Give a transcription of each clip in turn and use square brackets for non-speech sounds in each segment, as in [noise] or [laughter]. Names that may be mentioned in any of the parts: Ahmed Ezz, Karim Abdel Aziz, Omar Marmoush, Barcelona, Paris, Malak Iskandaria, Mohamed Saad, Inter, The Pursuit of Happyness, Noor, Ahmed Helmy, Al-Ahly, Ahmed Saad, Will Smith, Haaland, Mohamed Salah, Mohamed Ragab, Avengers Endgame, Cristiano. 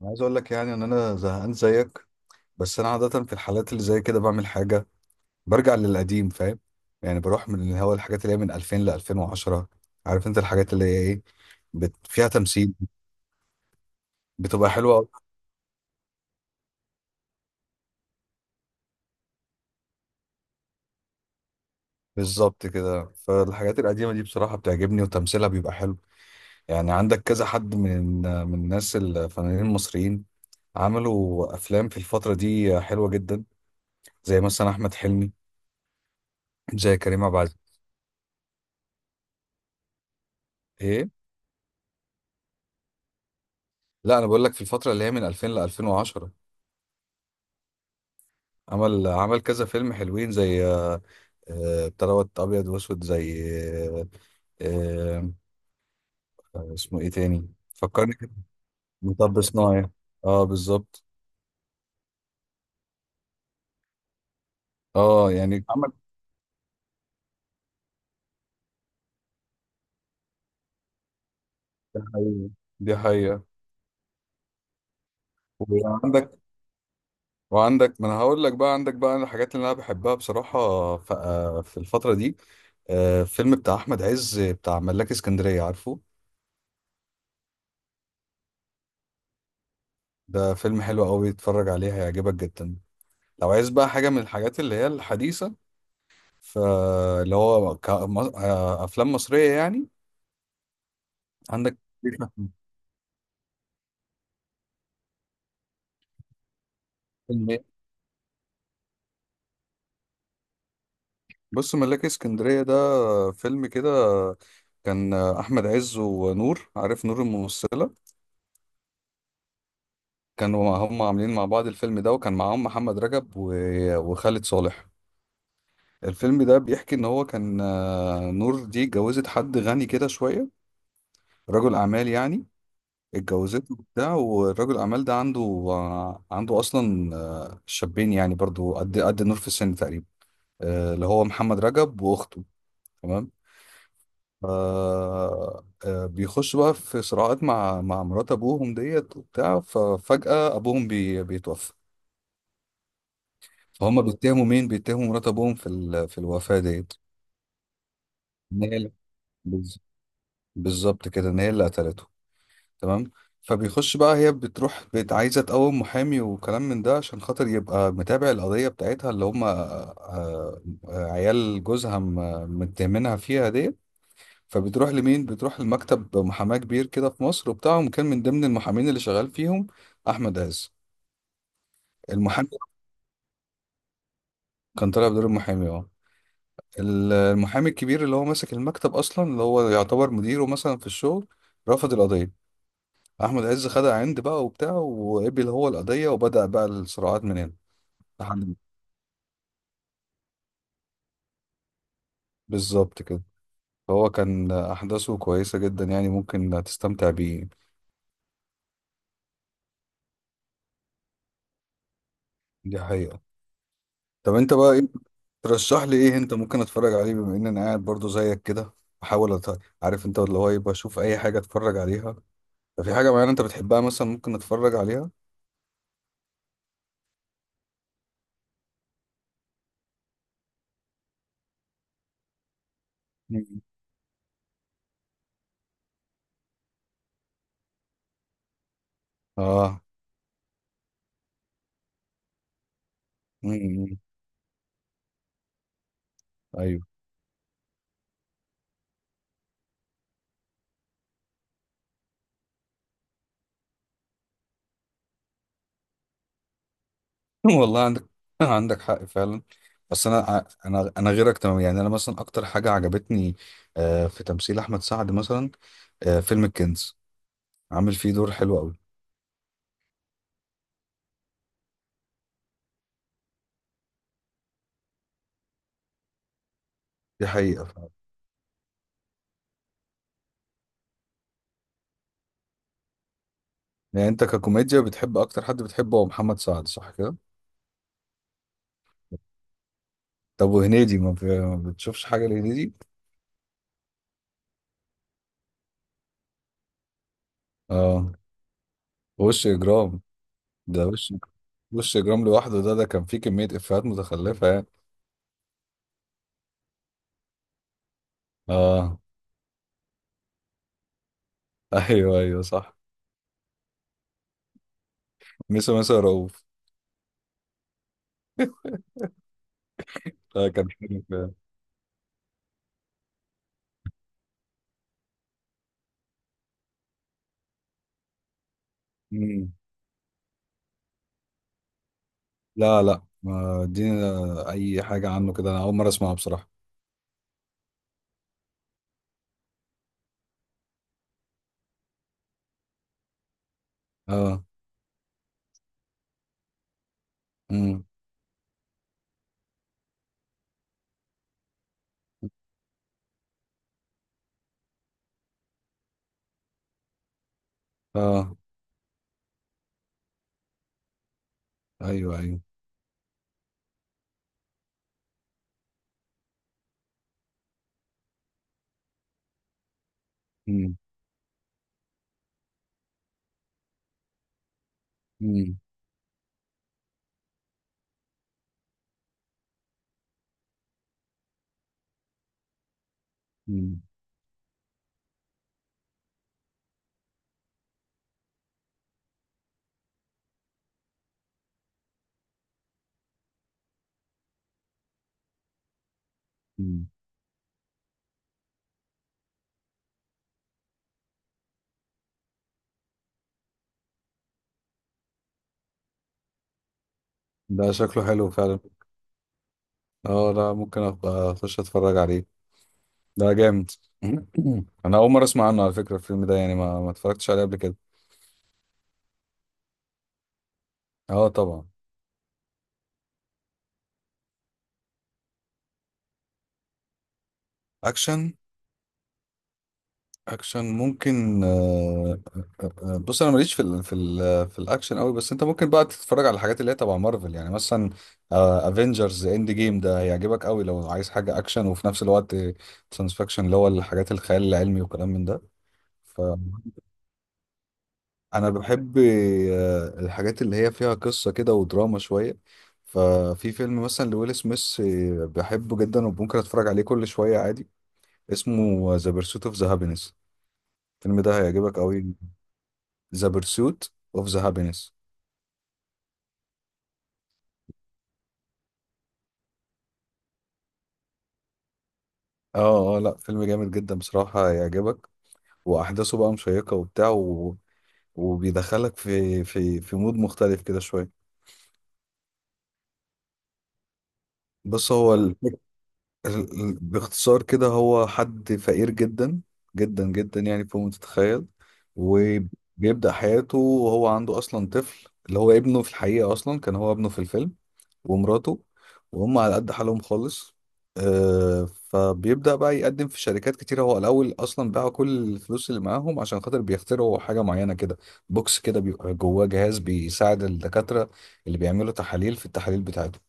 انا عايز اقول لك يعني ان انا زهقان زيك. بس انا عاده في الحالات اللي زي كده بعمل حاجه، برجع للقديم، فاهم؟ يعني بروح من اللي هو الحاجات اللي هي من 2000 ل 2010، عارف انت الحاجات اللي هي ايه، فيها تمثيل، بتبقى حلوه أوي. بالظبط كده، فالحاجات القديمه دي بصراحه بتعجبني وتمثيلها بيبقى حلو. يعني عندك كذا حد من الناس الفنانين المصريين، عملوا افلام في الفتره دي حلوه جدا، زي مثلا احمد حلمي، زي كريم عبد العزيز. ايه؟ لا، انا بقول لك في الفتره اللي هي من 2000 ل 2010. عمل كذا فيلم حلوين، زي بتاع دوت ابيض واسود، زي آه، اسمه ايه تاني؟ فكرني كده. مطب صناعي، اه بالظبط. اه يعني عمل. دي حقيقة، دي حقيقة. وعندك وعندك ما انا هقول لك بقى، عندك بقى الحاجات اللي انا بحبها بصراحة. في الفترة دي، فيلم بتاع احمد عز بتاع ملاك اسكندرية، عارفه؟ ده فيلم حلو قوي، اتفرج عليه هيعجبك جدا. لو عايز بقى حاجة من الحاجات اللي هي الحديثة، فاللي هو افلام مصريه يعني. عندك فيلم إيه؟ بص، ملاك اسكندريه ده فيلم كده، كان احمد عز ونور، عارف نور الممثله؟ هم عاملين مع بعض الفيلم ده، وكان معاهم محمد رجب وخالد صالح. الفيلم ده بيحكي ان هو كان نور دي اتجوزت حد غني كده شويه، رجل اعمال يعني. اتجوزته وبتاع، والراجل الاعمال ده عنده عنده اصلا شابين يعني برضو قد نور في السن تقريبا، اللي هو محمد رجب واخته. تمام. ف- بيخش بقى في صراعات مع مرات ابوهم ديت وبتاع، ففجأة ابوهم بيتوفى. فهم بيتهموا مين؟ بيتهموا مرات ابوهم في الوفاة ديت، ان هي اللي- بز- بالظبط كده، ان هي اللي قتلته. تمام. فبيخش بقى، هي بتروح عايزه تقوم محامي وكلام من ده عشان خاطر يبقى متابع القضيه بتاعتها، اللي هم عيال جوزها متهمينها فيها ديت. فبتروح لمين؟ بتروح لمكتب محاماة كبير كده في مصر، وبتاعهم كان من ضمن المحامين اللي شغال فيهم احمد عز. المحامي كان طالع بدور المحامي اه، المحامي الكبير اللي هو ماسك المكتب اصلا، اللي هو يعتبر مديره مثلا في الشغل. رفض القضية، احمد عز خدها عند بقى وبتاع، وقبل هو القضية، وبدأ بقى الصراعات من هنا لحد ما- بالظبط كده. فهو كان احداثه كويسة جدا، يعني ممكن تستمتع بيه. دي حقيقة. طب انت بقى ايه ترشح لي، ايه انت ممكن اتفرج عليه بما ان انا قاعد برضو زيك كده؟ بحاول عارف انت اللي هو يبقى اشوف اي حاجه اتفرج عليها. ففي حاجه معينه انت بتحبها مثلا ممكن اتفرج عليها؟ مم. اه. امم. ايوه. [laughs] والله عندك [laughs] عندك حق فعلا. بس انا غيرك، تمام، يعني انا مثلا اكتر حاجه عجبتني في تمثيل احمد سعد مثلا، فيلم الكنز، عامل فيه دور حلو قوي. دي حقيقه فعلا. يعني انت ككوميديا بتحب اكتر، حد بتحبه هو محمد سعد، صح كده؟ طب وهنيدي، ما بتشوفش حاجه لهنيدي؟ اه، وش اجرام، ده وش اجرام لوحده، ده كان فيه كمية افيهات متخلفة يعني. اه، [laughs] ايوه، ايوه، صح. ميسو، ميسو رؤوف. ده كان حلو فعلا. مم. لا، لا، ما ادينا اي حاجة عنه كده، انا اول مرة اسمعها بصراحة. اه. امم. اه. ايوه، ايوه. امم. امم. امم. أمم. ده شكله حلو فعلا. اه، لا ممكن ابقى اخش اتفرج عليه. ده جامد. [clears throat] انا اول مرة اسمع عنه على فكرة، الفيلم ده يعني ما اتفرجتش عليه قبل كده. اه طبعا. اكشن، اكشن ممكن بص انا ماليش في الاكشن قوي، بس انت ممكن بقى تتفرج على الحاجات اللي هي تبع مارفل يعني مثلا، افنجرز اند جيم ده هيعجبك قوي لو عايز حاجه اكشن وفي نفس الوقت ساينس فيكشن، اللي هو الحاجات الخيال العلمي وكلام من ده. فانا بحب الحاجات اللي هي فيها قصه كده ودراما شويه. ففي فيلم مثلا لويل سميث بحبه جدا وممكن اتفرج عليه كل شويه عادي، اسمه ذا بيرسوت اوف ذا هابينس. الفيلم ده هيعجبك قوي. ذا بيرسوت اوف ذا هابينس. اه، اه، لا فيلم جامد جدا بصراحة هيعجبك، واحداثه بقى مشيقة وبتاع وبيدخلك في مود مختلف كده شوية. بص هو باختصار كده، هو حد فقير جدا، جدا جدا، يعني فوق ما تتخيل. وبيبدأ حياته وهو عنده اصلا طفل، اللي هو ابنه في الحقيقة اصلا كان هو ابنه في الفيلم، ومراته، وهم على قد حالهم خالص. فبيبدأ بقى يقدم في شركات كتيرة، هو الأول أصلا باع كل الفلوس اللي معاهم عشان خاطر بيخترعوا حاجة معينة كده، بوكس كده بيبقى جواه جهاز بيساعد الدكاترة اللي بيعملوا تحاليل في التحاليل بتاعتهم.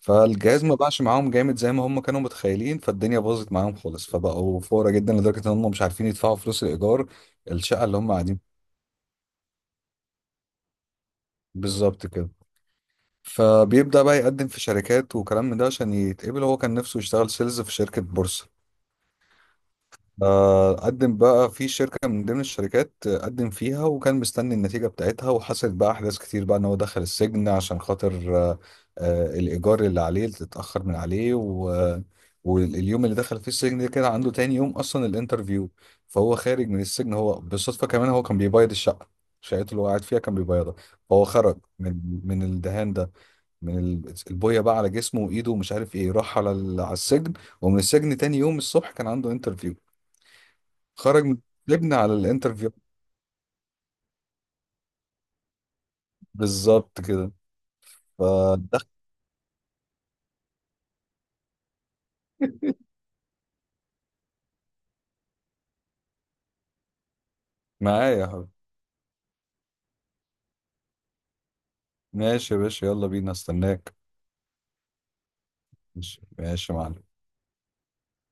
فالجهاز ما باعش معاهم جامد زي ما هم كانوا متخيلين، فالدنيا باظت معاهم خالص، فبقوا فقراء جدا لدرجة إن هم مش عارفين يدفعوا فلوس الإيجار، الشقة اللي هم قاعدين. بالظبط كده. فبيبدأ بقى يقدم في شركات وكلام من ده عشان يتقبل، هو كان نفسه يشتغل سيلز في شركة بورصة. قدم بقى في شركة من ضمن الشركات، قدم فيها، وكان مستني النتيجة بتاعتها، وحصلت بقى أحداث كتير بقى إن هو دخل السجن عشان خاطر الإيجار اللي عليه اللي اتأخر من عليه و... آه، واليوم اللي دخل فيه السجن ده كان عنده تاني يوم أصلا الانترفيو. فهو خارج من السجن، هو بالصدفة كمان هو كان بيبيض الشقة، شقته اللي هو قاعد فيها كان بيبيضها. فهو خرج من الدهان ده، من البويه بقى على جسمه وايده ومش عارف ايه، راح على على السجن. ومن السجن تاني يوم الصبح كان عنده انترفيو، خرج من السجن على الانترفيو. بالظبط كده. فدخل. معايا يا حبيبي. ماشي يا باشا، يلا بينا استناك. ماشي، ماشي يا معلم.